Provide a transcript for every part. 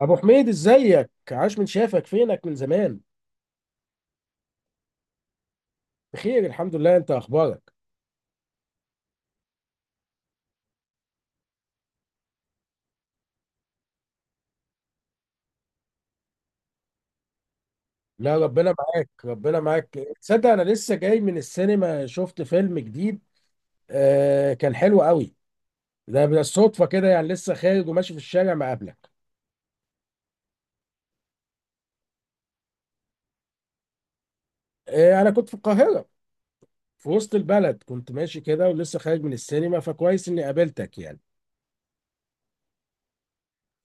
ابو حميد، ازيك؟ عاش من شافك، فينك من زمان؟ بخير الحمد لله، انت اخبارك؟ لا، ربنا معاك ربنا معاك. تصدق، انا لسه جاي من السينما، شفت فيلم جديد. كان حلو قوي. ده بالصدفه كده يعني، لسه خارج وماشي في الشارع مقابلك. انا كنت في القاهره، في وسط البلد كنت ماشي كده ولسه خارج من السينما، فكويس اني قابلتك يعني.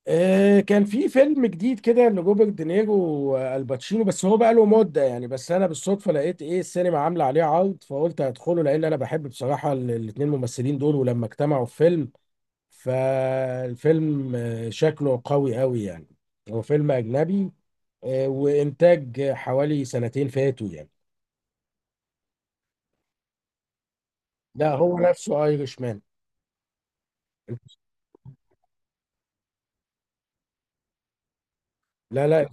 كان في فيلم جديد كده لروبرت دينيرو والباتشينو، بس هو بقى له مده يعني، بس انا بالصدفه لقيت ايه، السينما عامله عليه عرض، فقلت هدخله لان انا بحب بصراحه الاتنين ممثلين دول، ولما اجتمعوا في فيلم، فالفيلم شكله قوي قوي يعني. هو فيلم اجنبي. وانتاج حوالي سنتين فاتوا يعني. لا، هو نفسه ايرش مان. لا، لا.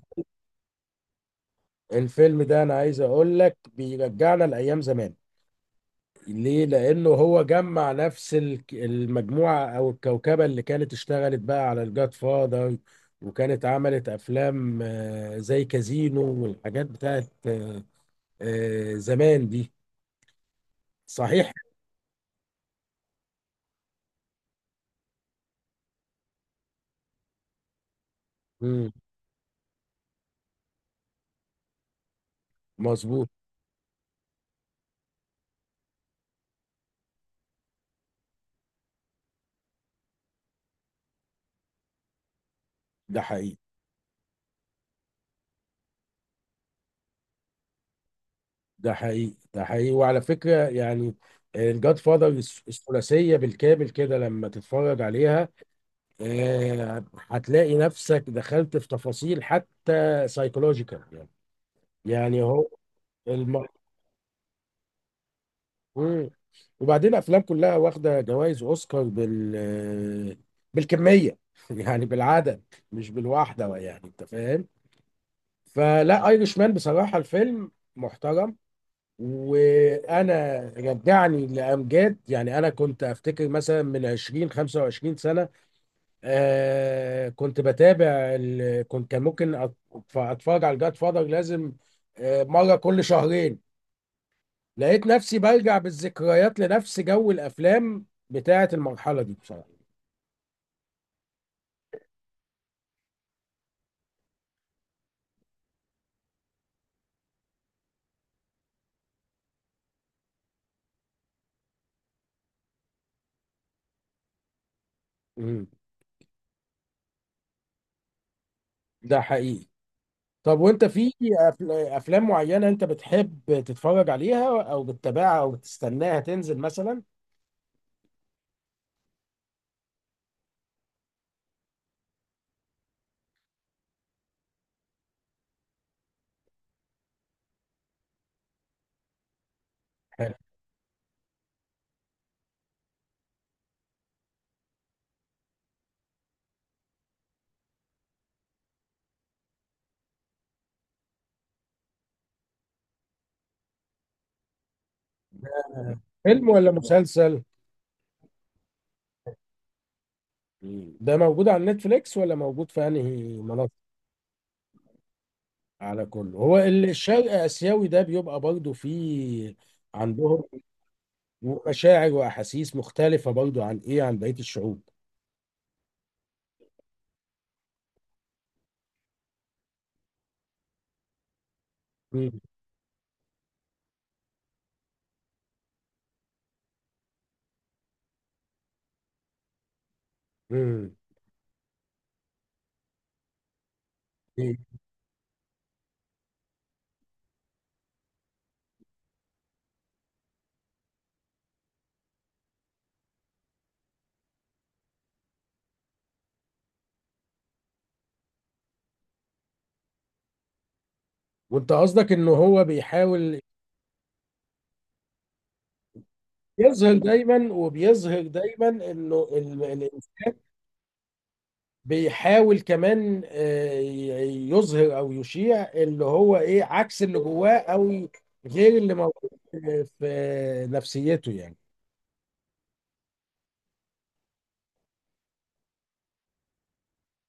الفيلم ده انا عايز اقول لك بيرجعنا لايام زمان. ليه؟ لأنه هو جمع نفس المجموعة أو الكوكبة اللي كانت اشتغلت بقى على الجاد فاذر، وكانت عملت أفلام، زي كازينو والحاجات بتاعت زمان دي. صحيح؟ مم. مظبوط. ده حقيقي، ده حقيقي، ده حقيقي، وعلى فكرة يعني، الجاد فاذر الثلاثية بالكامل كده، لما تتفرج عليها هتلاقي نفسك دخلت في تفاصيل حتى سايكولوجيكال يعني. يعني هو الم... مم. وبعدين افلام كلها واخده جوائز اوسكار بال بالكميه، يعني بالعدد، مش بالواحده يعني، انت فاهم. فلا، ايرش مان بصراحه الفيلم محترم، وانا رجعني لامجاد يعني، انا كنت افتكر مثلا من 20 25 سنه. كنت بتابع كنت كان ممكن اتفرج على الجاد فاذر لازم مره كل شهرين. لقيت نفسي بلجأ بالذكريات لنفس جو الافلام بتاعه المرحله دي بصراحه. امم. ده حقيقي. طب وانت في افلام معينه انت بتحب تتفرج عليها او بتتابعها او بتستناها تنزل مثلا؟ حلو. فيلم ولا مسلسل؟ مم. ده موجود على نتفليكس ولا موجود في انهي منصه؟ على كله، هو الشرق اسيوي ده بيبقى برضه فيه عندهم مشاعر واحاسيس مختلفه برضه عن ايه، عن بقيه الشعوب. مم. مم. وانت قصدك ان هو بيحاول يظهر دايما، وبيظهر دايما انه بيحاول كمان يظهر او يشيع اللي هو ايه عكس اللي جواه او غير اللي موجود في نفسيته يعني.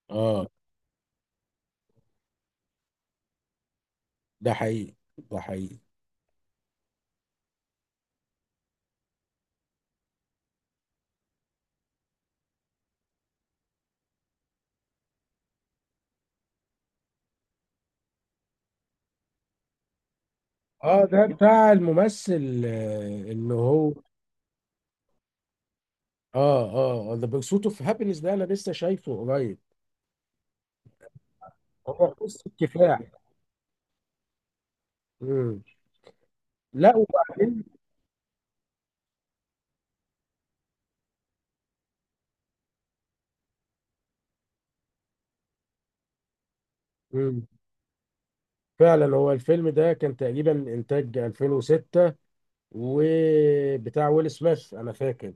اه، ده حقيقي ده حقيقي. اه، ده بتاع الممثل اللي هو، اه، اه، ذا بيرسوت اوف هابينس ده انا لسه شايفه قريب. هو قصه كفاح. مم. لا، وبعدين. مم. فعلا هو الفيلم ده كان تقريبا انتاج 2006، وبتاع ويل سميث انا فاكر.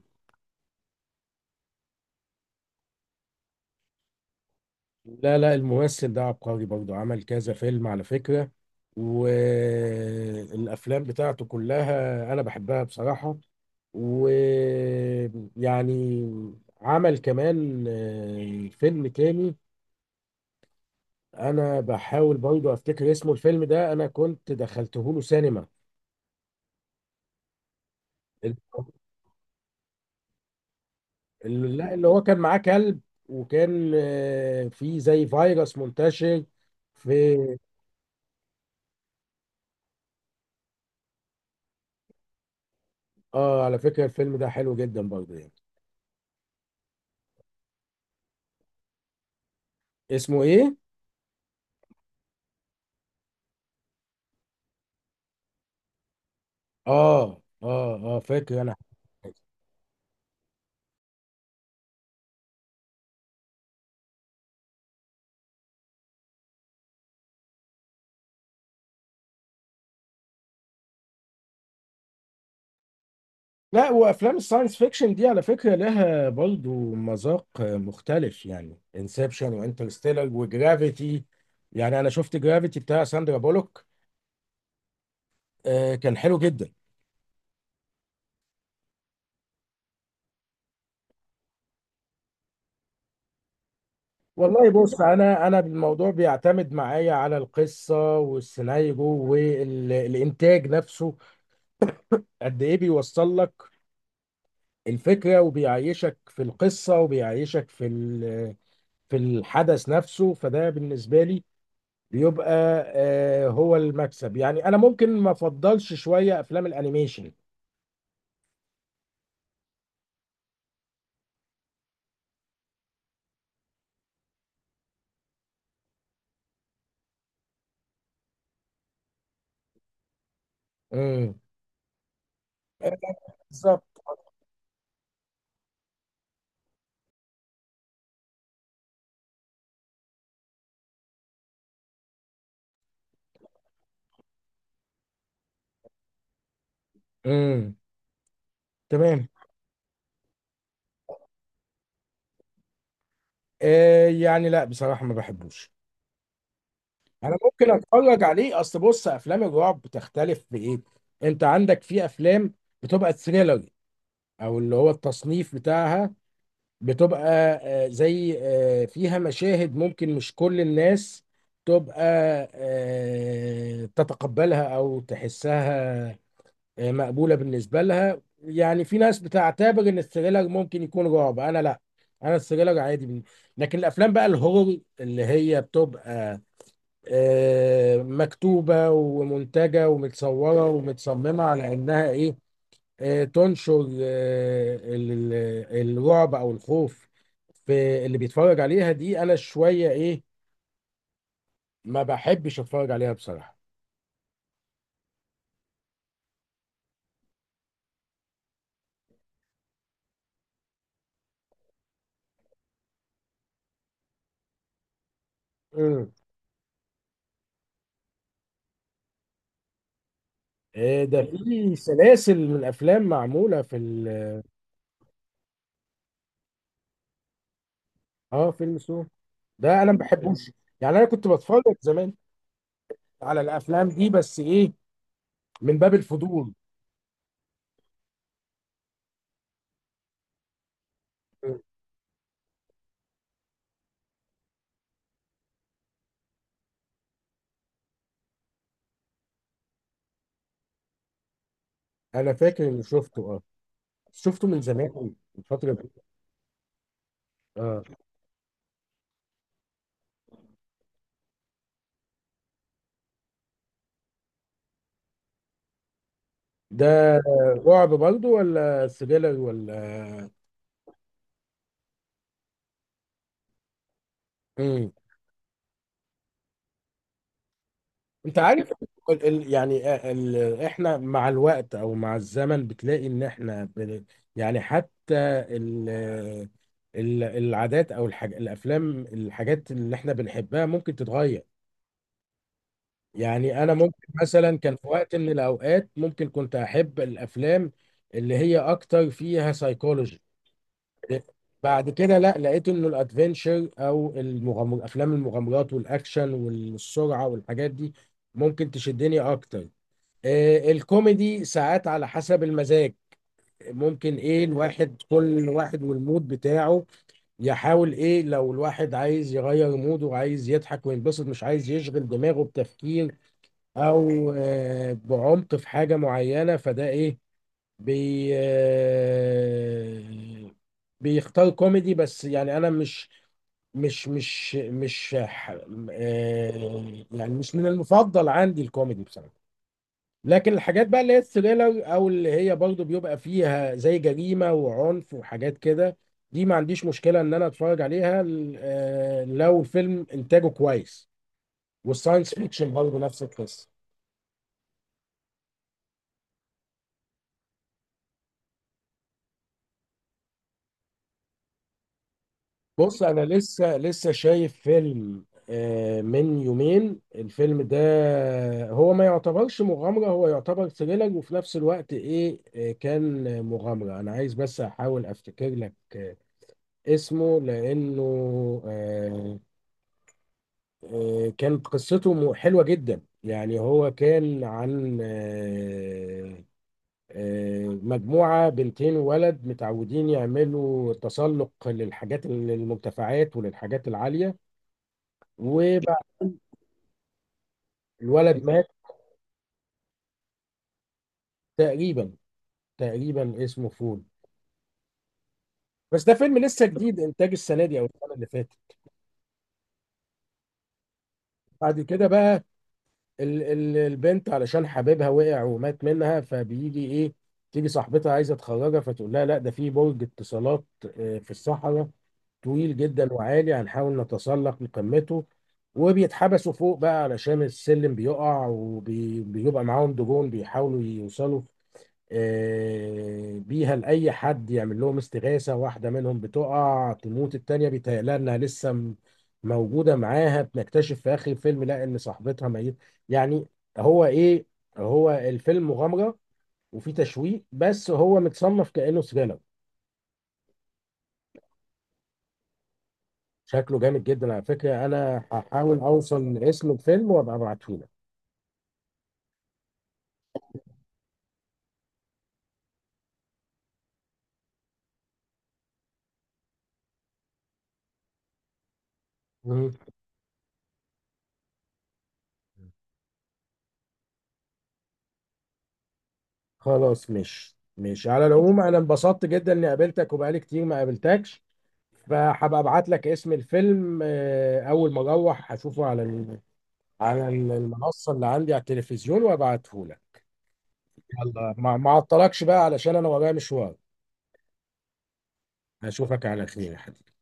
لا، لا، الممثل ده عبقري برضه، عمل كذا فيلم على فكرة، والافلام بتاعته كلها انا بحبها بصراحة، ويعني، عمل كمان فيلم تاني، انا بحاول برضه افتكر اسمه، الفيلم ده انا كنت دخلته له سينما. لا، اللي هو كان معاه كلب، وكان في زي فيروس منتشر في. اه، على فكرة الفيلم ده حلو جدا برضه يعني. اسمه ايه؟ اه، اه، اه، فاكر انا. لا، وافلام الساينس فيكشن دي على فكره لها برضه مذاق مختلف، يعني انسبشن وانترستيلر وجرافيتي. يعني انا شفت جرافيتي بتاع ساندرا بولوك. كان حلو جدا. والله. بص، انا الموضوع بيعتمد معايا على القصه والسيناريو والانتاج نفسه، قد ايه بيوصل لك الفكره وبيعيشك في القصه، وبيعيشك في في الحدث نفسه، فده بالنسبه لي بيبقى هو المكسب يعني. انا ممكن ما افضلش شويه افلام الانيميشن. امم. بالظبط. امم. تمام. يعني لا، بصراحه ما بحبوش. انا ممكن اتفرج عليه، اصل بص، افلام الرعب بتختلف في ايه. انت عندك في افلام بتبقى تhriller، او اللي هو التصنيف بتاعها بتبقى زي، فيها مشاهد ممكن مش كل الناس تبقى تتقبلها او تحسها مقبولة بالنسبة لها، يعني في ناس بتعتبر ان الثريلر ممكن يكون رعب، انا لا. انا الثريلر عادي لكن الافلام بقى الهورر اللي هي بتبقى مكتوبة ومنتجة ومتصورة ومتصممة على إنها إيه، تنشر الرعب أو الخوف في اللي بيتفرج عليها دي، أنا شوية إيه، ما بحبش أتفرج عليها بصراحة. مم. ده في سلاسل من الأفلام معمولة في ال آه فيلم سو ده أنا ما بحبوش. يعني أنا كنت بتفرج زمان على الأفلام دي، بس إيه، من باب الفضول. مم. أنا فاكر إني شفته. شفته من زمان، من فترة. اه، ده رعب برضه ولا سريلر ولا؟ امم. انت عارف يعني احنا مع الوقت او مع الزمن، بتلاقي ان احنا. يعني حتى ال... العادات او الحاجات اللي احنا بنحبها ممكن تتغير. يعني انا ممكن مثلا، كان في وقت من الاوقات ممكن كنت احب الافلام اللي هي اكتر فيها سايكولوجي، بعد كده لا، لقيت انه الادفنشر او المغامر، افلام المغامرات والاكشن والسرعه والحاجات دي ممكن تشدني اكتر. الكوميدي ساعات على حسب المزاج، ممكن ايه، الواحد كل واحد والمود بتاعه يحاول ايه، لو الواحد عايز يغير موده وعايز يضحك وينبسط، مش عايز يشغل دماغه بتفكير او بعمق في حاجه معينه، فده ايه، بي آه، بيختار كوميدي. بس يعني انا مش يعني مش من المفضل عندي الكوميدي بصراحه. لكن الحاجات بقى اللي هي الثريلر او اللي هي برضو بيبقى فيها زي جريمه وعنف وحاجات كده، دي ما عنديش مشكله ان انا اتفرج عليها، لو الفيلم انتاجه كويس، والساينس فيكشن برضو نفس القصه. بص انا لسه شايف فيلم من يومين، الفيلم ده هو ما يعتبرش مغامرة، هو يعتبر ثريلر وفي نفس الوقت ايه، كان مغامرة. انا عايز بس احاول افتكر لك اسمه، لانه آه، كانت قصته حلوة جدا يعني. هو كان عن مجموعة بنتين وولد متعودين يعملوا تسلق للحاجات، للمرتفعات وللحاجات العالية، وبعد الولد مات. تقريبا تقريبا اسمه فول. بس ده فيلم لسه جديد، انتاج السنه دي او السنه اللي فاتت. بعد كده بقى، ال البنت علشان حبيبها وقع ومات منها، فبيجي ايه، تيجي صاحبتها عايزه تخرجها، فتقول لها لا، ده في برج اتصالات في الصحراء، طويل جدا وعالي، هنحاول نتسلق لقمته. وبيتحبسوا فوق بقى علشان السلم بيقع، وبيبقى معاهم دجون بيحاولوا يوصلوا بيها لأي حد يعمل لهم استغاثة. واحدة منهم بتقع تموت، التانية بيتهيألها إنها لسه موجودة معاها، بنكتشف في آخر الفيلم لا، إن صاحبتها ميت. يعني هو إيه، هو الفيلم مغامرة وفي تشويق، بس هو متصنف كأنه ثريلر. شكله جامد جدا، على فكرة أنا هحاول أوصل لاسم الفيلم وأبقى أبعته لك. مم. خلاص. مش على العموم، أنا انبسطت جدا إني قابلتك وبقالي كتير ما قابلتكش، فهبقى ابعت لك اسم الفيلم، اول ما اروح هشوفه على المنصه اللي عندي على التلفزيون وابعته لك. ما اعطلكش بقى علشان انا ورايا مشوار. هشوفك على خير يا حبيبي.